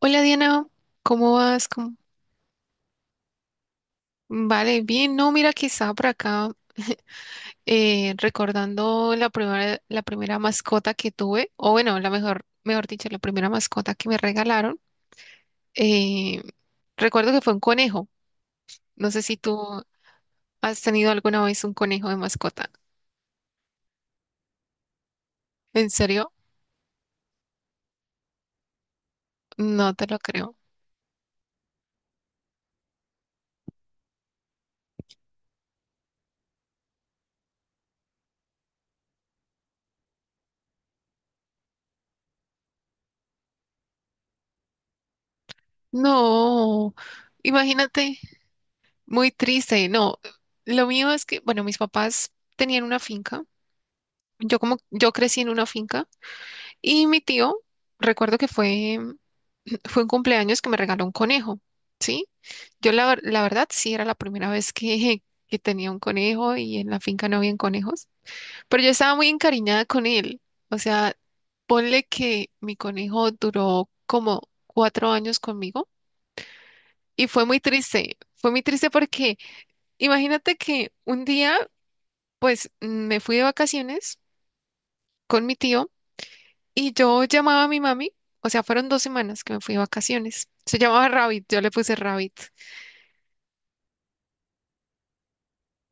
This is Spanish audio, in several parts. Hola Diana, ¿cómo vas? ¿Cómo- Vale, bien. No, mira que estaba por acá recordando la primera mascota que tuve, o bueno, la mejor, mejor dicho, la primera mascota que me regalaron. Eh, Recuerdo que fue un conejo. No sé si tú has tenido alguna vez un conejo de mascota. ¿En serio? No te lo creo. No, imagínate, muy triste. No, lo mío es que, bueno, mis papás tenían una finca. Yo como yo crecí en una finca. Y mi tío, recuerdo que fue, fue un cumpleaños que me regaló un conejo, ¿sí? La verdad sí era la primera vez que tenía un conejo y en la finca no habían conejos, pero yo estaba muy encariñada con él. O sea, ponle que mi conejo duró como 4 años conmigo y fue muy triste. Fue muy triste porque imagínate que un día, pues, me fui de vacaciones con mi tío. Y yo llamaba a mi mami, o sea, fueron 2 semanas que me fui de vacaciones. Se llamaba Rabbit, yo le puse Rabbit.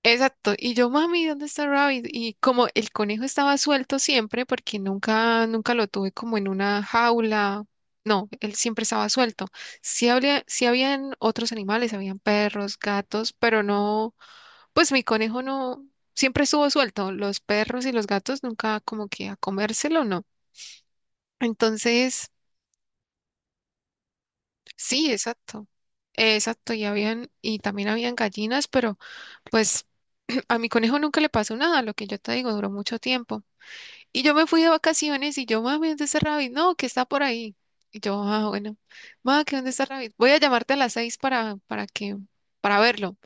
Exacto. Y yo, mami, ¿dónde está Rabbit? Y como el conejo estaba suelto siempre, porque nunca, nunca lo tuve como en una jaula. No, él siempre estaba suelto. Sí habían otros animales, habían perros, gatos, pero no, pues mi conejo no, siempre estuvo suelto. Los perros y los gatos nunca como que a comérselo, no. Entonces sí, exacto. Exacto, y habían, y también habían gallinas, pero pues a mi conejo nunca le pasó nada, lo que yo te digo, duró mucho tiempo. Y yo me fui de vacaciones y yo, mami, ¿dónde está Rabbit? No, que está por ahí. Y yo, ah, bueno, mami, ¿que dónde está Rabbit? Voy a llamarte a las 6 para que, para verlo.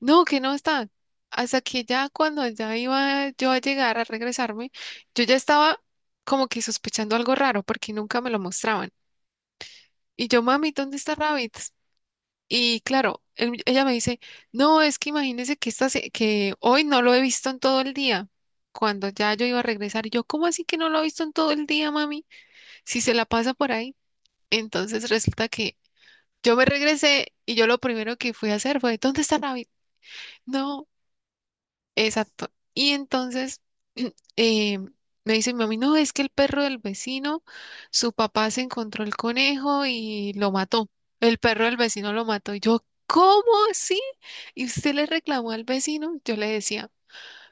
No, que no está. Hasta que ya cuando ya iba yo a llegar a regresarme, yo ya estaba como que sospechando algo raro porque nunca me lo mostraban. Y yo, mami, ¿dónde está Rabbit? Y claro, ella me dice, no, es que imagínese que, que hoy no lo he visto en todo el día. Cuando ya yo iba a regresar, y yo, ¿cómo así que no lo he visto en todo el día, mami? Si se la pasa por ahí. Entonces resulta que yo me regresé y yo lo primero que fui a hacer fue, ¿dónde está David? No. Exacto. Y entonces eh, me dice mi mami, no, es que el perro del vecino, su papá se encontró el conejo y lo mató. El perro del vecino lo mató. Y yo, ¿cómo así? Y usted le reclamó al vecino. Yo le decía,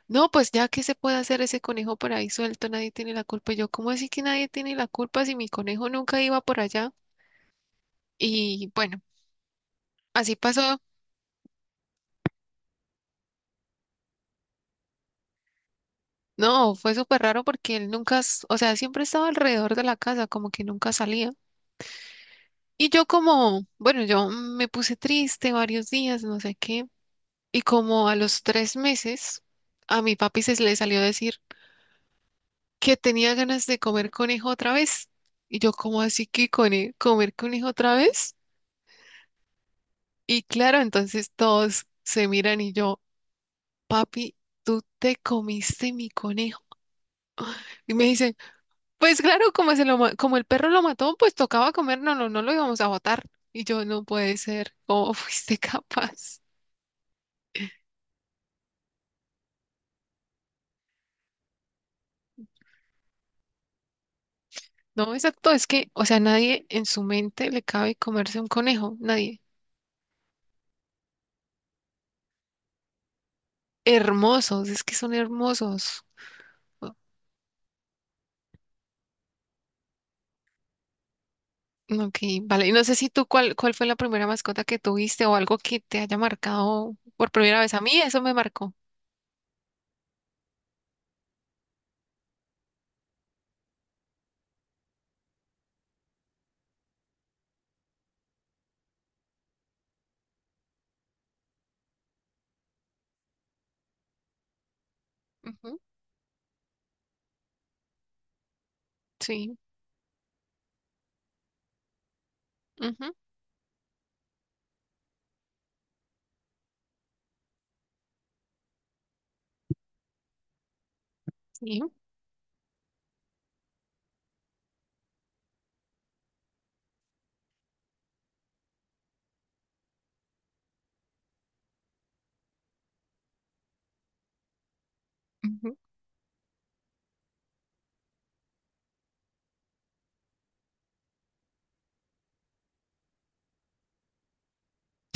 no, pues ya que se puede hacer, ese conejo por ahí suelto, nadie tiene la culpa. Y yo, ¿cómo así que nadie tiene la culpa si mi conejo nunca iba por allá? Y bueno, así pasó. No, fue súper raro porque él nunca, o sea, siempre estaba alrededor de la casa, como que nunca salía. Y yo como, bueno, yo me puse triste varios días, no sé qué. Y como a los 3 meses, a mi papi se le salió a decir que tenía ganas de comer conejo otra vez. Y yo como así que comer conejo otra vez. Y claro, entonces todos se miran y yo, papi, ¿tú te comiste mi conejo? Y me dicen, pues claro, como, como el perro lo mató, pues tocaba comer, no, no, no lo íbamos a botar. Y yo, no puede ser, ¿cómo fuiste capaz? No, exacto, es que, o sea, nadie en su mente le cabe comerse un conejo, nadie. Hermosos, es que son hermosos. O- Ok, vale. Y no sé si tú cuál, cuál fue la primera mascota que tuviste o algo que te haya marcado por primera vez. A mí eso me marcó. Ujú, sí, ujú, sí, ujú,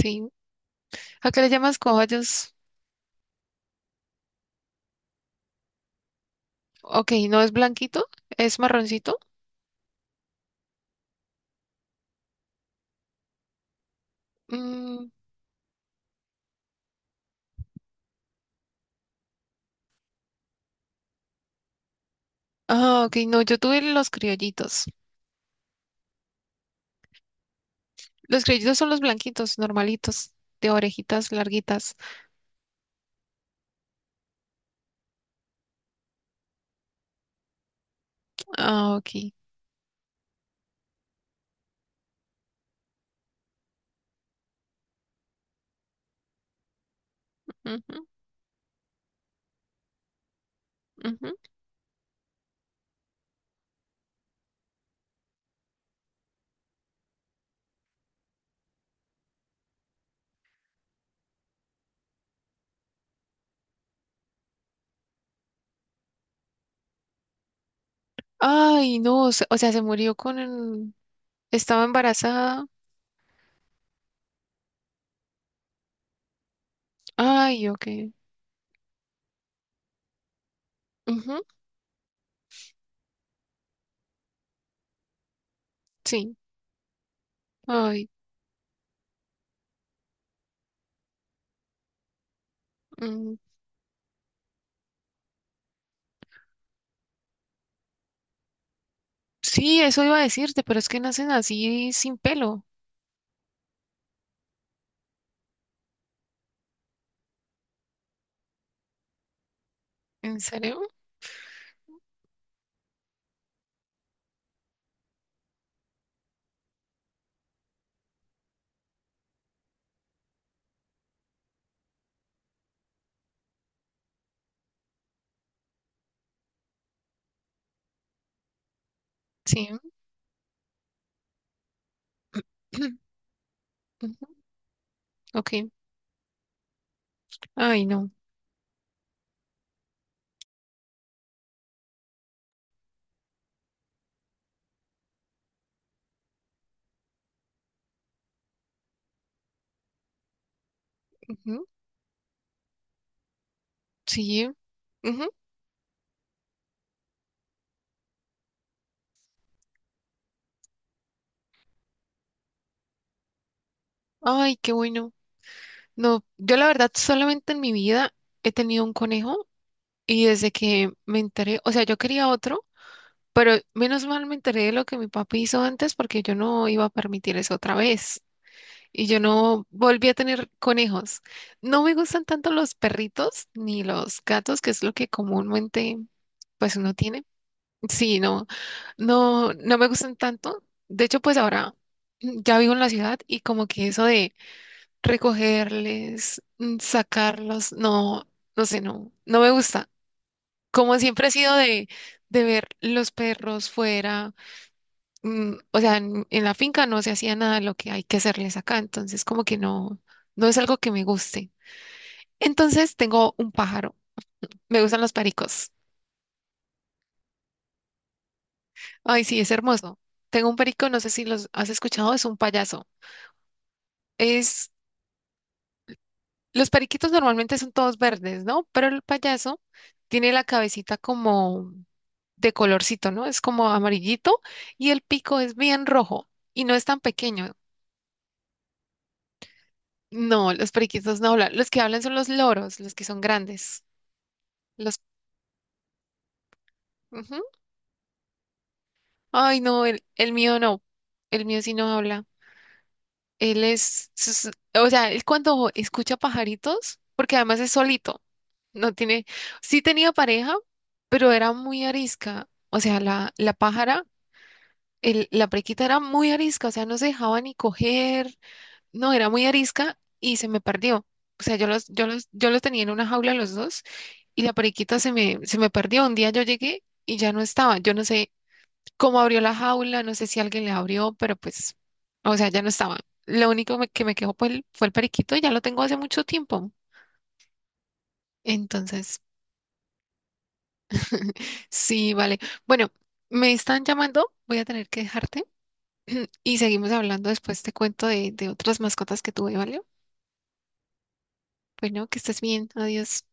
sí. ¿A qué le llamas cobayos? Ok, no es blanquito, es marroncito. Mm, ah, ok, no, yo tuve los criollitos. Los criollitos son los blanquitos, normalitos, de orejitas larguitas. Ah, ok. Ujú, ujú. Ay, no, o sea, se murió con el. Estaba embarazada. Ay, ok. Ujú, sí. Ay, mm, sí, eso iba a decirte, pero es que nacen así sin pelo. ¿En serio? Sí. Ujú, ok. Ay, no. Ujú, sí. Ujú. Ay, qué bueno. No, yo la verdad solamente en mi vida he tenido un conejo y desde que me enteré, o sea, yo quería otro, pero menos mal me enteré de lo que mi papi hizo antes porque yo no iba a permitir eso otra vez. Y yo no volví a tener conejos. No me gustan tanto los perritos ni los gatos, que es lo que comúnmente pues uno tiene. Sí, no, no, no me gustan tanto. De hecho, pues ahora ya vivo en la ciudad y como que eso de recogerles, mm, sacarlos, no, no sé, no, no me gusta. Como siempre he sido de ver los perros fuera, mm, o sea, en la finca no se hacía nada de lo que hay que hacerles acá, entonces como que no, no es algo que me guste. Entonces tengo un pájaro, me gustan los pericos. Ay, sí, es hermoso. Tengo un perico, no sé si los has escuchado, es un payaso. Es, los periquitos normalmente son todos verdes, ¿no? Pero el payaso tiene la cabecita como de colorcito, ¿no? Es como amarillito y el pico es bien rojo y no es tan pequeño. No, los periquitos no hablan. Los que hablan son los loros, los que son grandes. Los... ujú. Ay, no, el mío no. El mío sí no habla. Él es, o sea, él cuando escucha pajaritos, porque además es solito, no tiene, sí tenía pareja, pero era muy arisca. O sea, la pájara, la prequita era muy arisca, o sea, no se dejaba ni coger. No, era muy arisca y se me perdió. O sea, yo los tenía en una jaula los dos y la periquita se me perdió. Un día yo llegué y ya no estaba. Yo no sé cómo abrió la jaula, no sé si alguien le abrió, pero pues, o sea, ya no estaba. Lo único que me quedó fue fue el periquito y ya lo tengo hace mucho tiempo. Entonces, sí, vale. Bueno, me están llamando, voy a tener que dejarte y seguimos hablando después. Te cuento de otras mascotas que tuve, ¿vale? Bueno, que estés bien. Adiós.